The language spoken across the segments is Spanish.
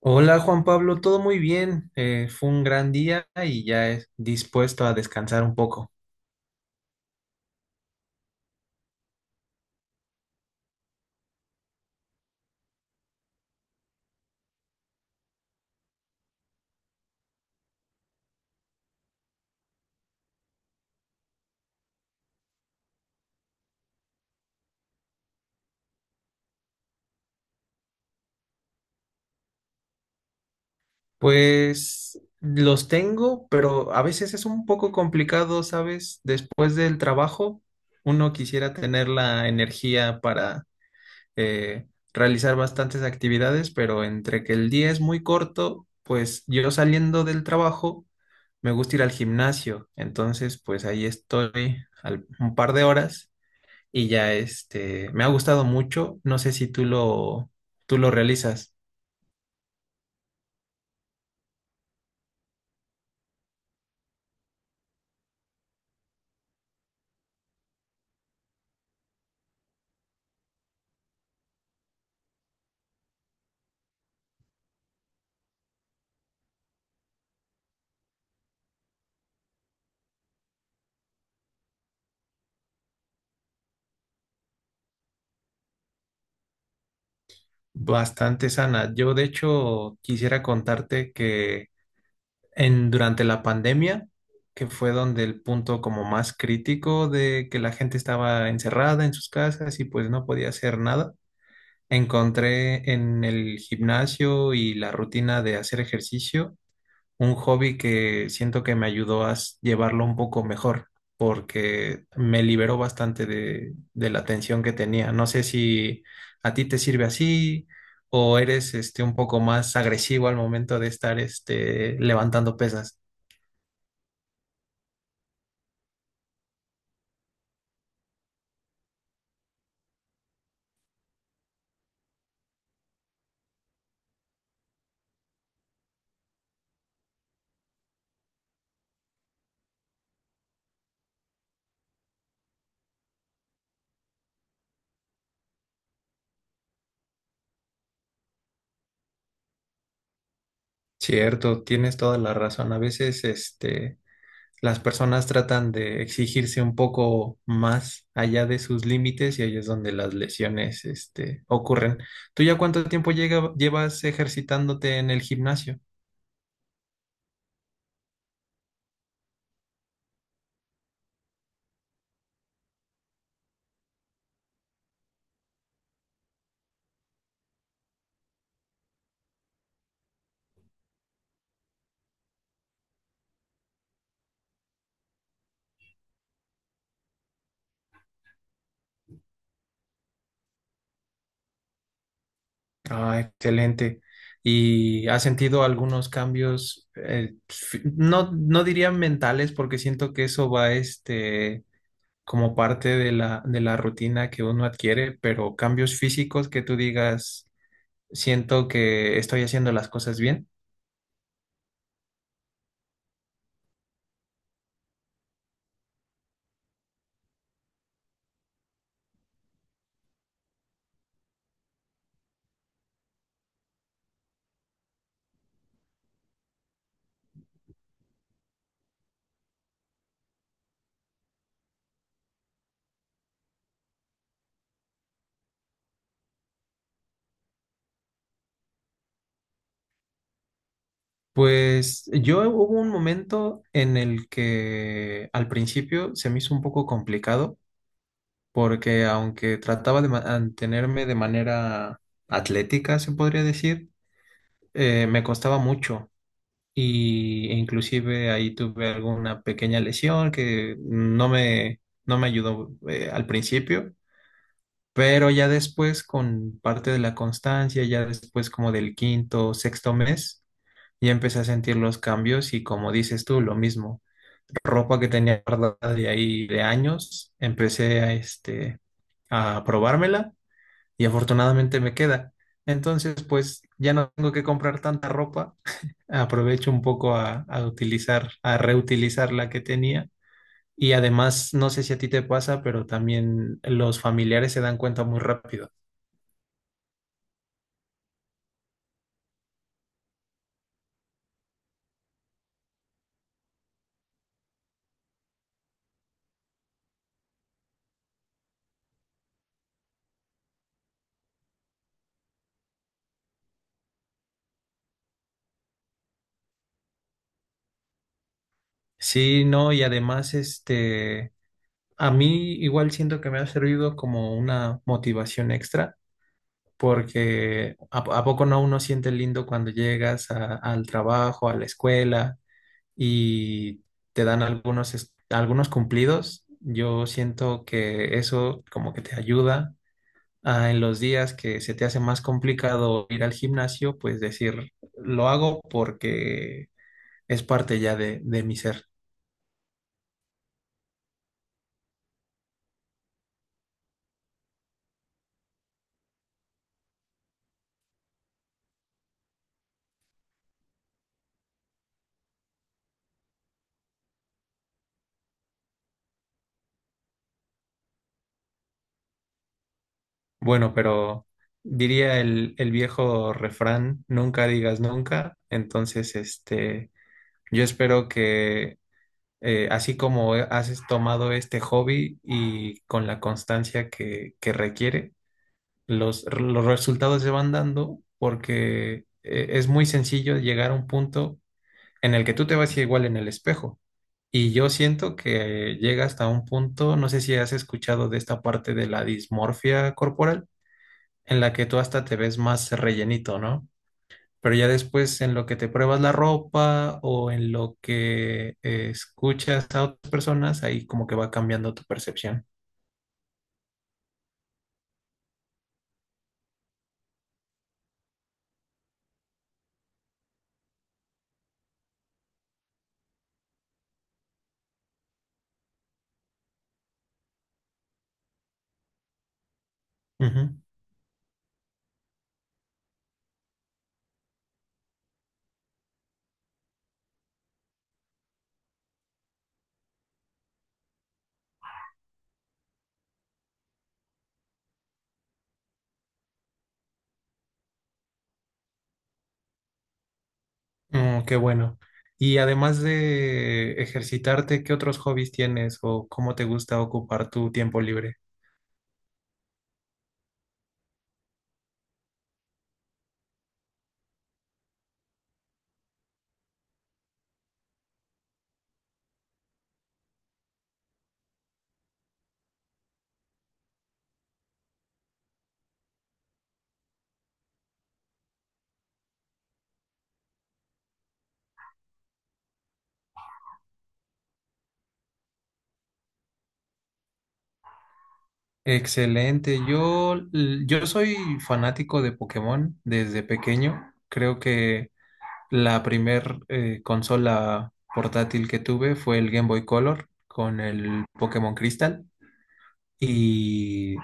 Hola Juan Pablo, todo muy bien. Fue un gran día y ya es dispuesto a descansar un poco. Pues los tengo, pero a veces es un poco complicado, ¿sabes? Después del trabajo, uno quisiera tener la energía para realizar bastantes actividades, pero entre que el día es muy corto, pues yo saliendo del trabajo me gusta ir al gimnasio. Entonces, pues ahí estoy un par de horas y ya este, me ha gustado mucho. No sé si tú lo realizas bastante sana. Yo de hecho quisiera contarte que durante la pandemia, que fue donde el punto como más crítico de que la gente estaba encerrada en sus casas y pues no podía hacer nada, encontré en el gimnasio y la rutina de hacer ejercicio un hobby que siento que me ayudó a llevarlo un poco mejor, porque me liberó bastante de la tensión que tenía. No sé si a ti te sirve así o eres este, un poco más agresivo al momento de estar este, levantando pesas. Cierto, tienes toda la razón. A veces este, las personas tratan de exigirse un poco más allá de sus límites y ahí es donde las lesiones, este, ocurren. ¿Tú ya cuánto tiempo llevas ejercitándote en el gimnasio? Ah, excelente. ¿Y has sentido algunos cambios, no, no diría mentales, porque siento que eso va, este, como parte de de la rutina que uno adquiere, pero cambios físicos que tú digas, siento que estoy haciendo las cosas bien? Pues yo hubo un momento en el que al principio se me hizo un poco complicado porque aunque trataba de mantenerme de manera atlética, se podría decir, me costaba mucho y e inclusive ahí tuve alguna pequeña lesión que no me ayudó al principio, pero ya después con parte de la constancia, ya después como del quinto, sexto mes y empecé a sentir los cambios y como dices tú, lo mismo. Ropa que tenía guardada de ahí de años, empecé a, este, a probármela y afortunadamente me queda. Entonces, pues ya no tengo que comprar tanta ropa. Aprovecho un poco a utilizar, a reutilizar la que tenía. Y además, no sé si a ti te pasa, pero también los familiares se dan cuenta muy rápido. Sí, no, y además, este, a mí igual siento que me ha servido como una motivación extra, porque a poco no uno siente lindo cuando llegas al trabajo, a la escuela y te dan algunos cumplidos. Yo siento que eso como que te ayuda a, en los días que se te hace más complicado ir al gimnasio, pues decir, lo hago porque es parte ya de mi ser. Bueno, pero diría el viejo refrán, nunca digas nunca. Entonces, este, yo espero que así como has tomado este hobby y con la constancia que requiere, los resultados se van dando porque es muy sencillo llegar a un punto en el que tú te vas igual en el espejo. Y yo siento que llega hasta un punto, no sé si has escuchado de esta parte de la dismorfia corporal en la que tú hasta te ves más rellenito, ¿no? Pero ya después en lo que te pruebas la ropa o en lo que escuchas a otras personas, ahí como que va cambiando tu percepción. Ujú. Mm, qué bueno. Y además de ejercitarte, ¿qué otros hobbies tienes o cómo te gusta ocupar tu tiempo libre? Excelente. Yo soy fanático de Pokémon desde pequeño. Creo que la primer consola portátil que tuve fue el Game Boy Color con el Pokémon Crystal y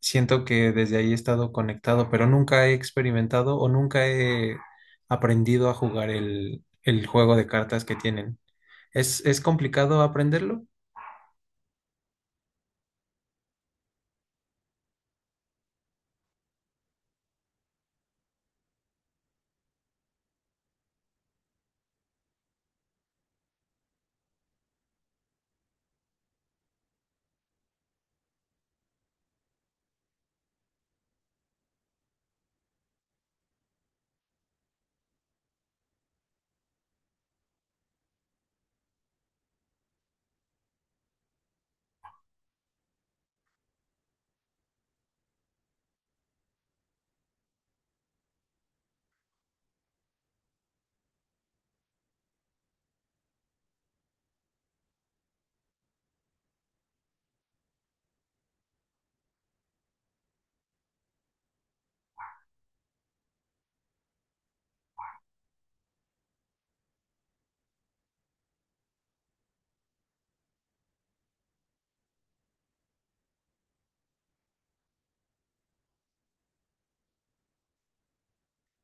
siento que desde ahí he estado conectado, pero nunca he experimentado o nunca he aprendido a jugar el juego de cartas que tienen. Es complicado aprenderlo?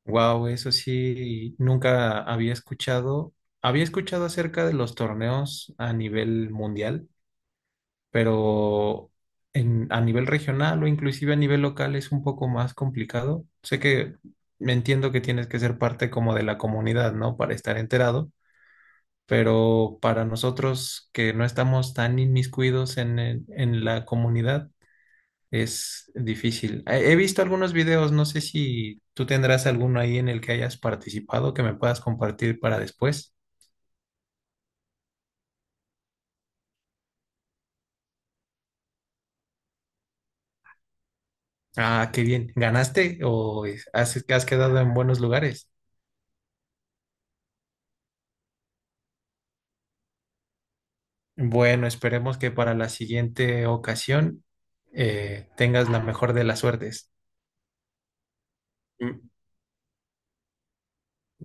Wow, eso sí, nunca había escuchado. Había escuchado acerca de los torneos a nivel mundial pero a nivel regional o inclusive a nivel local es un poco más complicado. Sé que me entiendo que tienes que ser parte como de la comunidad, ¿no? Para estar enterado, pero para nosotros que no estamos tan inmiscuidos en, en la comunidad, es difícil. He visto algunos videos, no sé si tú tendrás alguno ahí en el que hayas participado que me puedas compartir para después. Ah, qué bien. ¿Ganaste o has quedado en buenos lugares? Bueno, esperemos que para la siguiente ocasión tengas la mejor de las suertes. Mm.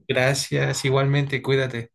Gracias, igualmente, cuídate.